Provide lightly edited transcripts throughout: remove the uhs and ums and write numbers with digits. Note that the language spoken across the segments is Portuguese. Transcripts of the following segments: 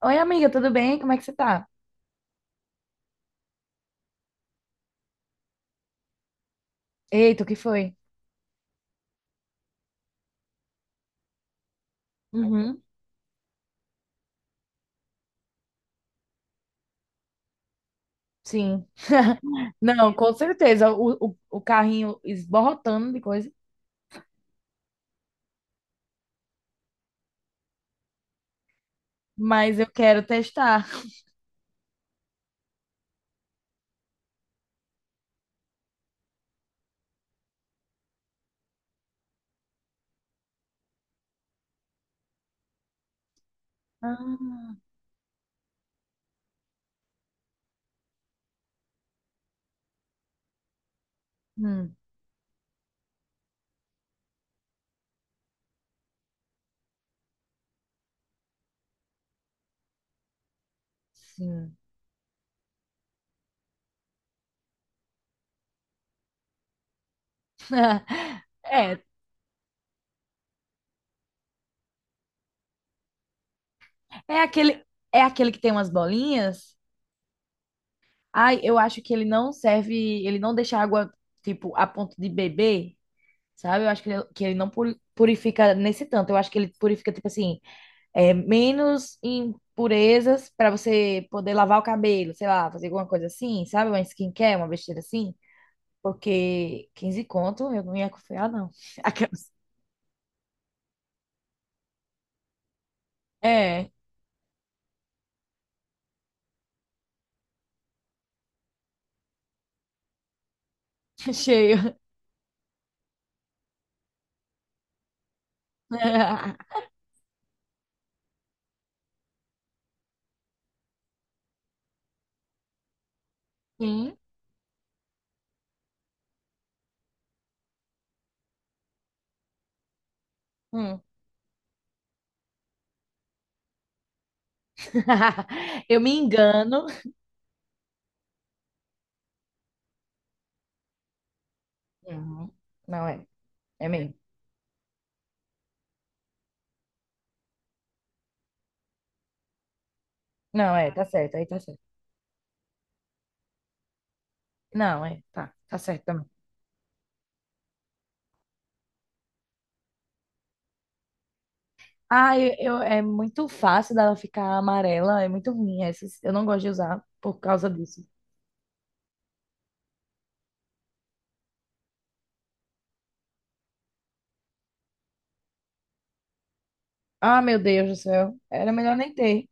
Oi, amiga, tudo bem? Como é que você tá? Eita, o que foi? Uhum, sim. Não, com certeza. O carrinho esborrotando de coisa, mas eu quero testar. Ah, hum, sim. É, é aquele, é aquele que tem umas bolinhas. Ai, eu acho que ele não serve, ele não deixa água, tipo, a ponto de beber, sabe? Eu acho que ele não puri- purifica nesse tanto. Eu acho que ele purifica, tipo assim, é, menos impurezas para você poder lavar o cabelo, sei lá, fazer alguma coisa assim, sabe? Uma skincare, uma besteira assim. Porque 15 conto, eu não ia confiar, não. Aquelas- É, cheio. Sim. Hum. Eu me engano. Uhum. Não é, é mesmo. Não é, tá certo, aí tá certo. Não, é, tá, tá certo também. Ah, é muito fácil dela ficar amarela, é muito ruim essas. Eu não gosto de usar por causa disso. Ah, meu Deus do céu. Era melhor nem ter.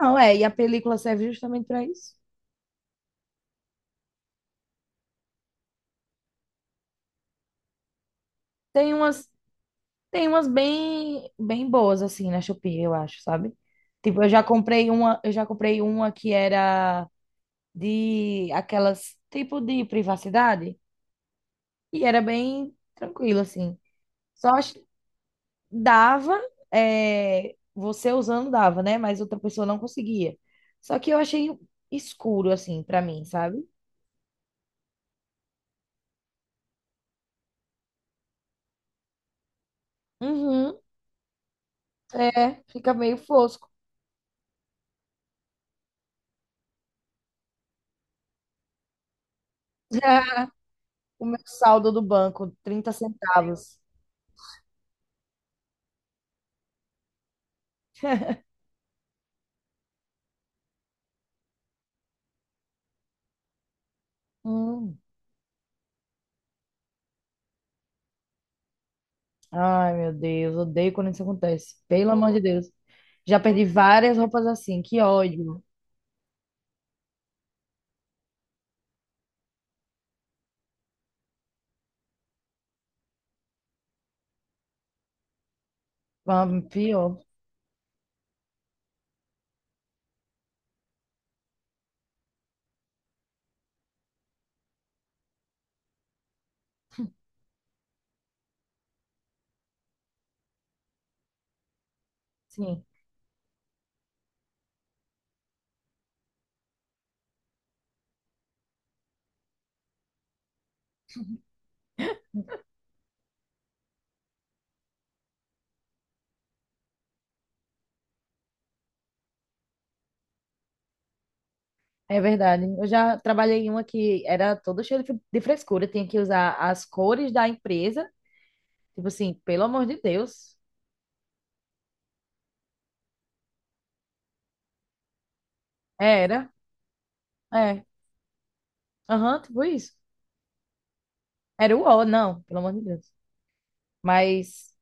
Não, é, e a película serve justamente para isso. Tem umas, Tem umas bem, bem boas assim na Shopee, eu acho, sabe? Tipo, eu já comprei uma que era de aquelas tipo de privacidade e era bem tranquilo assim. Só ach- Dava, é, você usando dava, né? Mas outra pessoa não conseguia. Só que eu achei escuro assim para mim, sabe? Uhum. É, fica meio fosco. O meu saldo do banco, 30 centavos. Hum. Ai, meu Deus, odeio quando isso acontece. Pelo amor de Deus. Já perdi várias roupas assim, que ódio. Ah, pior. Sim, é verdade. Eu já trabalhei em uma que era toda cheia de frescura, tinha que usar as cores da empresa. Tipo assim, pelo amor de Deus. Era, é. Aham, tipo isso. Era o ó, não, pelo amor de Deus. Mas,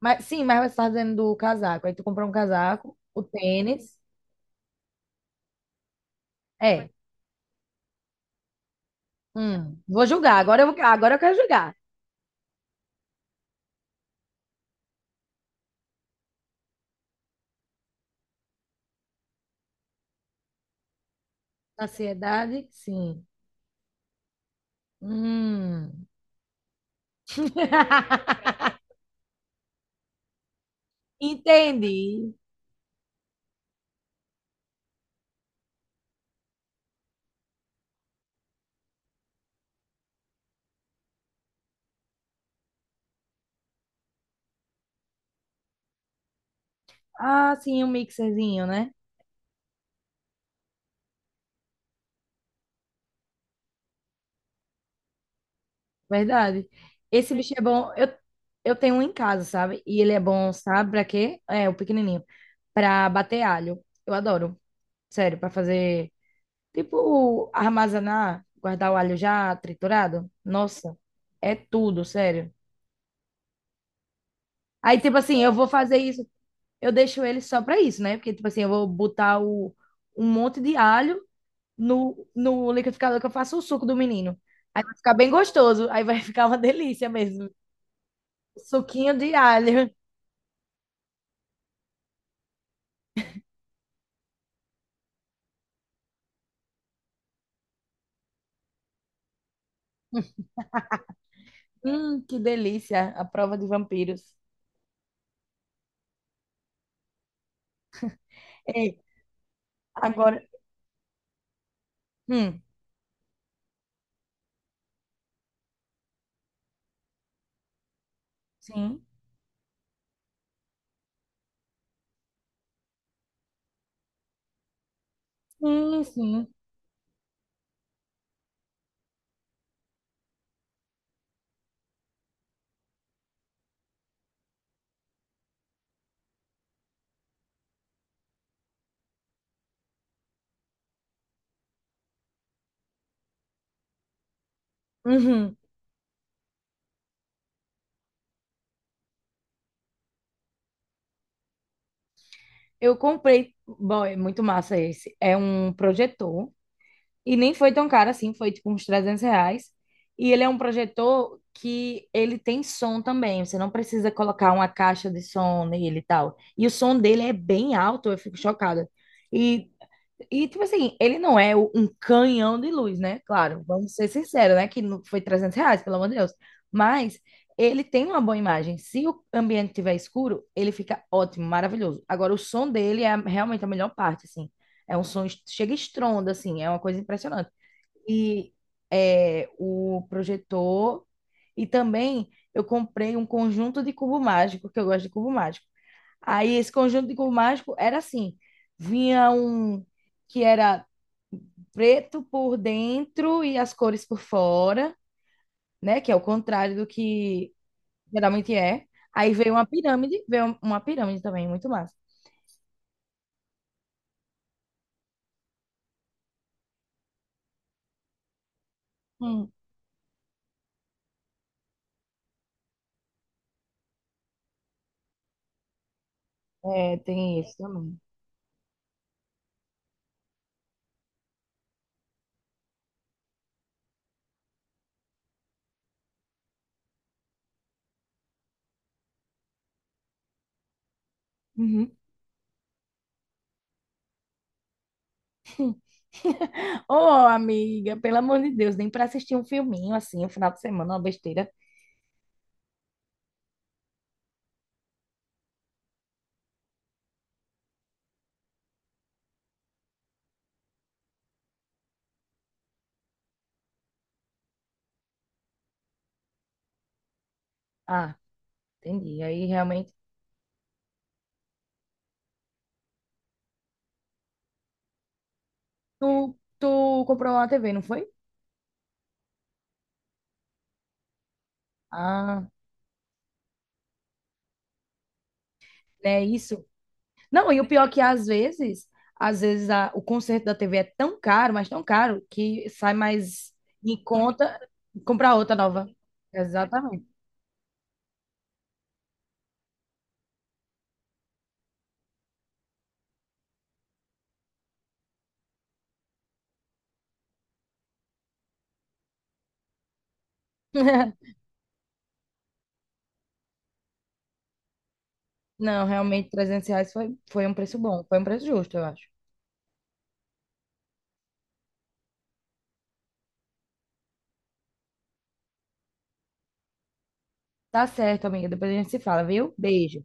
mas sim, mas você tá dizendo do casaco. Aí tu comprou um casaco, o tênis. É. Vou julgar. Agora eu quero julgar. Ansiedade, sim. Hum. Entendi. Ah, sim, um mixerzinho, né? Verdade. Esse bicho é bom. Eu tenho um em casa, sabe? E ele é bom, sabe? Pra quê? É, o pequenininho. Pra bater alho. Eu adoro. Sério, pra fazer. Tipo, armazenar, guardar o alho já triturado. Nossa, é tudo, sério. Aí, tipo assim, eu vou fazer isso. Eu deixo ele só pra isso, né? Porque, tipo assim, eu vou botar o, um monte de alho no liquidificador que eu faço o suco do menino. Aí vai ficar bem gostoso. Aí vai ficar uma delícia mesmo. Suquinho de alho. Que delícia. A prova de vampiros. É, agora. Hum, sim. Sim, sim. Uhum. Eu comprei. Bom, é muito massa esse. É um projetor. E nem foi tão caro assim, foi tipo uns 300 reais. E ele é um projetor que ele tem som também, você não precisa colocar uma caixa de som nele e tal. E o som dele é bem alto, eu fico chocada. E, e tipo assim, ele não é o- um canhão de luz, né? Claro, vamos ser sinceros, né? Que não foi 300 reais, pelo amor de Deus. Mas ele tem uma boa imagem. Se o ambiente estiver escuro, ele fica ótimo, maravilhoso. Agora, o som dele é realmente a melhor parte, assim. É um som, chega estronda, assim, é uma coisa impressionante e é, o projetor. E também eu comprei um conjunto de cubo mágico, que eu gosto de cubo mágico. Aí esse conjunto de cubo mágico era assim: vinha um que era preto por dentro e as cores por fora, né? Que é o contrário do que geralmente é. Aí veio uma pirâmide também, muito massa. Hum. É, tem isso também. Uhum. Ô, amiga, pelo amor de Deus, nem para assistir um filminho assim, um final de semana, uma besteira. Ah, entendi. Aí realmente. Tu comprou uma TV, não foi? Ah, é isso. Não, e o pior é que às vezes o conserto da TV é tão caro, mas tão caro, que sai mais em conta comprar outra nova. Exatamente. Não, realmente, 300 reais foi, foi um preço bom, foi um preço justo, eu acho. Tá certo, amiga. Depois a gente se fala, viu? Beijo.